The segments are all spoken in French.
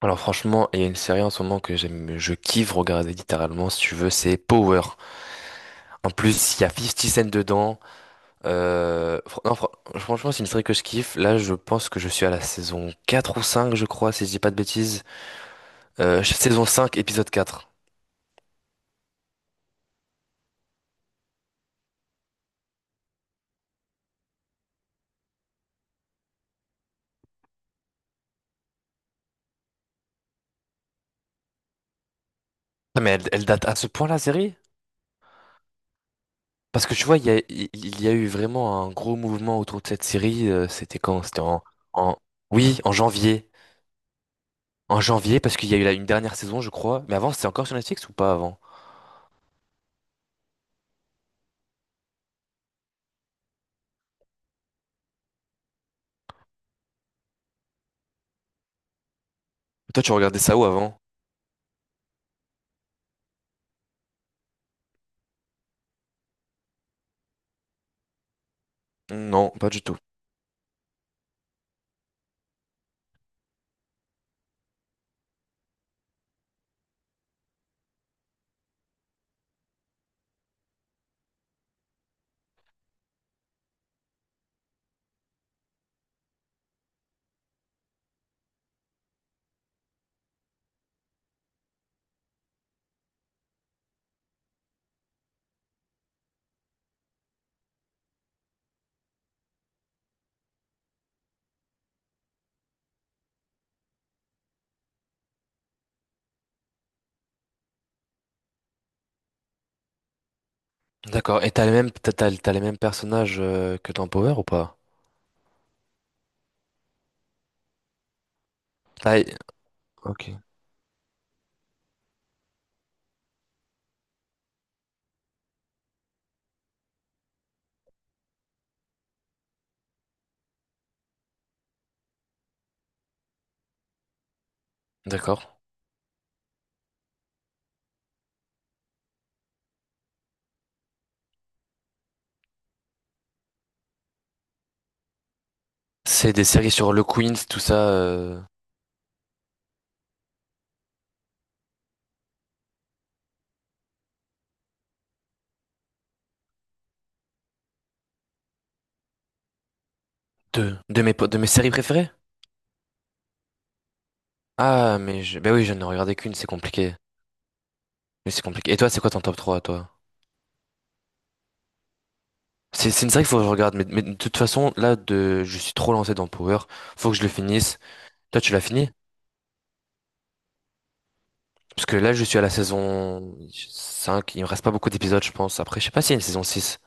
Alors franchement, il y a une série en ce moment que j'aime, je kiffe regarder littéralement, si tu veux, c'est Power. En plus, il y a 50 Cent dedans. Non, franchement, c'est une série que je kiffe. Là, je pense que je suis à la saison 4 ou 5, je crois, si je dis pas de bêtises. Saison 5, épisode 4. Ah, mais elle date à ce point la série? Parce que tu vois, il y a eu vraiment un gros mouvement autour de cette série. C'était quand? C'était en... Oui, en janvier. En janvier, parce qu'il y a eu là une dernière saison, je crois. Mais avant, c'était encore sur Netflix ou pas avant? Toi, tu regardais ça où avant? Non, pas du tout. D'accord. Et t'as les mêmes personnages que dans Power ou pas? Ah, ok. D'accord. C'est des séries sur le Queens, tout ça. De, de mes séries préférées? Ah, mais ben oui, je n'ai regardé qu'une, c'est compliqué. Mais c'est compliqué. Et toi, c'est quoi ton top 3, toi? C'est une série qu'il faut que je regarde, mais, de toute façon, là, je suis trop lancé dans Power. Faut que je le finisse. Toi, tu l'as fini? Parce que là, je suis à la saison 5. Il me reste pas beaucoup d'épisodes, je pense. Après, je sais pas s'il y a une saison six.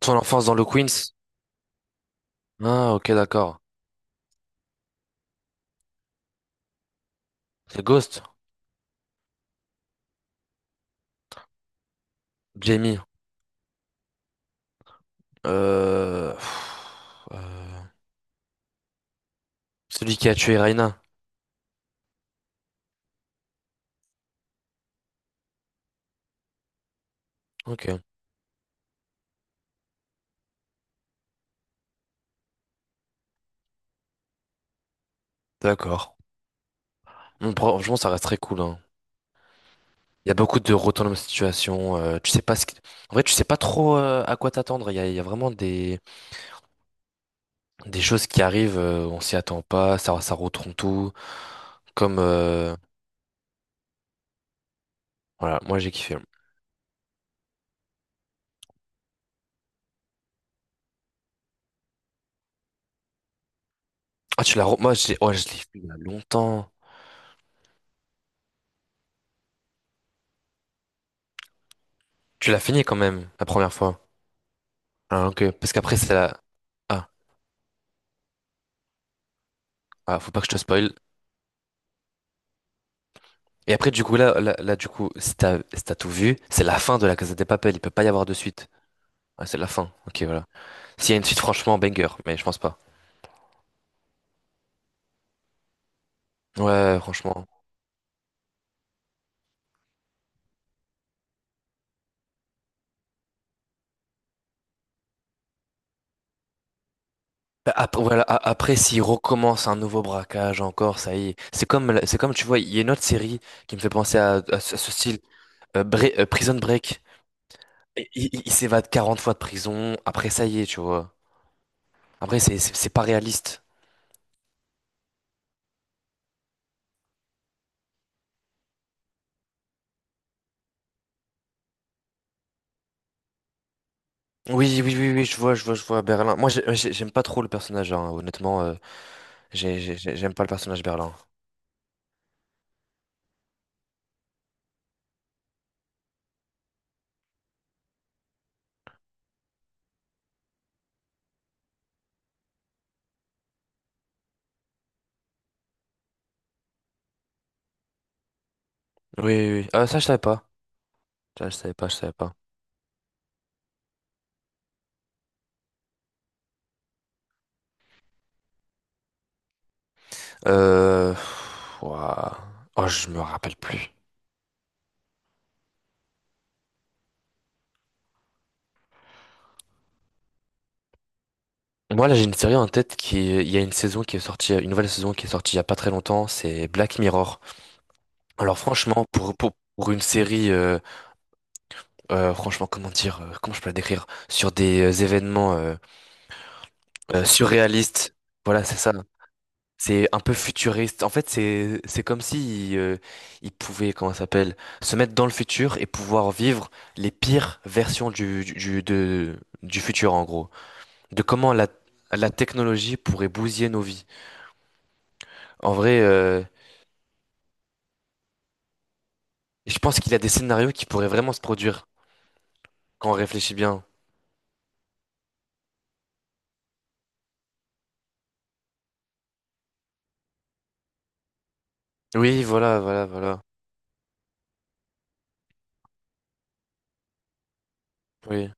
Ton enfance dans le Queens? Ah, ok, d'accord. C'est Ghost, Jamie, euh, pff, euh, celui qui a tué Raina. Ok, d'accord. Bon, franchement, ça reste très cool, hein. Il y a beaucoup de retournements de situation. Tu sais pas ce qui— En vrai, tu sais pas trop à quoi t'attendre. Il y a vraiment des choses qui arrivent, on s'y attend pas, ça retourne tout. Comme voilà, moi j'ai kiffé. Ah, tu l'as, re- moi j'ai, oh, je l'ai fait il y a longtemps. Tu l'as fini quand même la première fois. Ah, ok. Parce qu'après c'est la. Ah, ah, faut pas que je te spoil. Et après, du coup, là, là, là, du coup, si t'as tout vu, c'est la fin de la Casa des Papel. Il peut pas y avoir de suite. Ah, c'est la fin. Ok, voilà. S'il y a une suite, franchement, banger, mais je pense pas. Ouais, franchement. Après, voilà, après, s'il recommence un nouveau braquage encore, ça y est. C'est comme, tu vois, il y a une autre série qui me fait penser à, à ce style, Prison Break. Et il s'évade 40 fois de prison. Après, ça y est, tu vois. Après, c'est pas réaliste. Oui, oui, oui, oui, je vois, Berlin. Moi, j'aime pas trop le personnage, hein, honnêtement. J'aime pas le personnage Berlin. Oui, oui, oui. Ah, ça, je savais pas. Ça, je savais pas, je savais pas. Euh... Ouah. Oh, je me rappelle plus. Moi, là, j'ai une série en tête qui... Il y a une saison qui est sortie, une nouvelle saison qui est sortie il y a pas très longtemps, c'est Black Mirror. Alors, franchement, pour une série, franchement, comment dire, comment je peux la décrire? Sur des événements surréalistes. Voilà, c'est ça. C'est un peu futuriste. En fait, c'est comme si ils pouvaient, comment ça s'appelle, se mettre dans le futur et pouvoir vivre les pires versions du futur en gros. De comment la technologie pourrait bousiller nos vies. En vrai, je pense qu'il y a des scénarios qui pourraient vraiment se produire quand on réfléchit bien. Oui, voilà, voilà, voilà. Oui.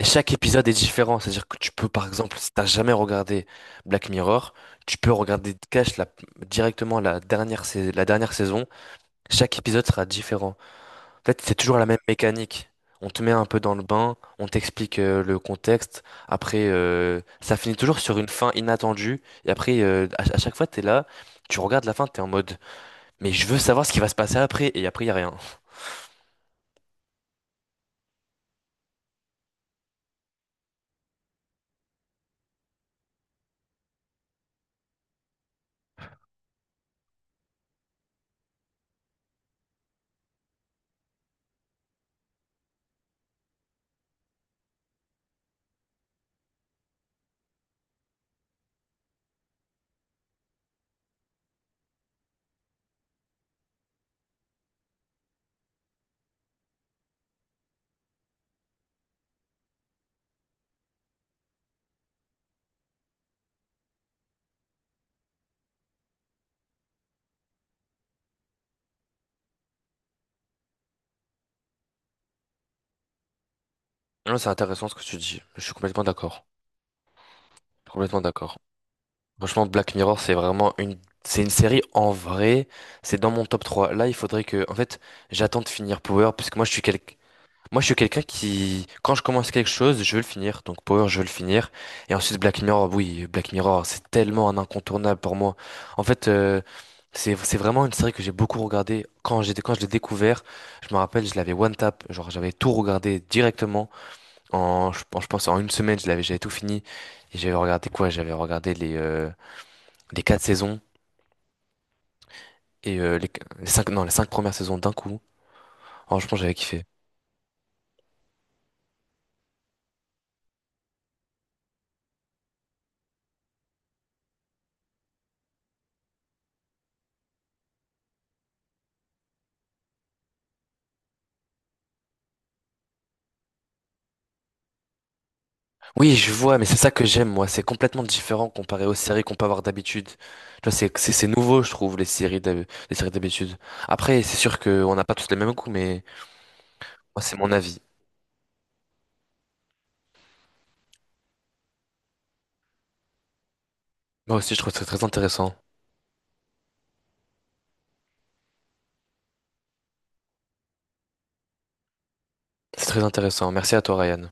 Et chaque épisode est différent, c'est-à-dire que tu peux, par exemple, si t'as jamais regardé Black Mirror, tu peux regarder Cash la, directement la dernière, la dernière saison. Chaque épisode sera différent. En fait, c'est toujours la même mécanique. On te met un peu dans le bain, on t'explique le contexte. Après, ça finit toujours sur une fin inattendue. Et après, à chaque fois, t'es là, tu regardes la fin, t'es en mode, mais je veux savoir ce qui va se passer après. Et après, y a rien. Non, c'est intéressant ce que tu dis. Je suis complètement d'accord. Complètement d'accord. Franchement, Black Mirror, c'est vraiment c'est une série en vrai. C'est dans mon top 3. Là, il faudrait que, en fait, j'attends de finir Power parce que moi, je suis quelqu'un. Moi, je suis quelqu'un qui, quand je commence quelque chose, je veux le finir. Donc Power, je veux le finir. Et ensuite Black Mirror, oui, Black Mirror, c'est tellement un incontournable pour moi. En fait, c'est vraiment une série que j'ai beaucoup regardée. Quand je l'ai découvert, je me rappelle, je l'avais one tap, genre j'avais tout regardé directement. En, je pense, en une semaine, je l'avais j'avais tout fini. Et j'avais regardé quoi? J'avais regardé les quatre saisons et les cinq, non, les cinq premières saisons d'un coup. Franchement, j'avais kiffé. Oui, je vois, mais c'est ça que j'aime, moi. C'est complètement différent comparé aux séries qu'on peut avoir d'habitude. Tu vois, c'est nouveau, je trouve, les séries d'habitude. Après, c'est sûr qu'on n'a pas tous les mêmes goûts, mais moi, c'est mon avis. Moi aussi, je trouve que c'est très intéressant. C'est très intéressant. Merci à toi, Ryan.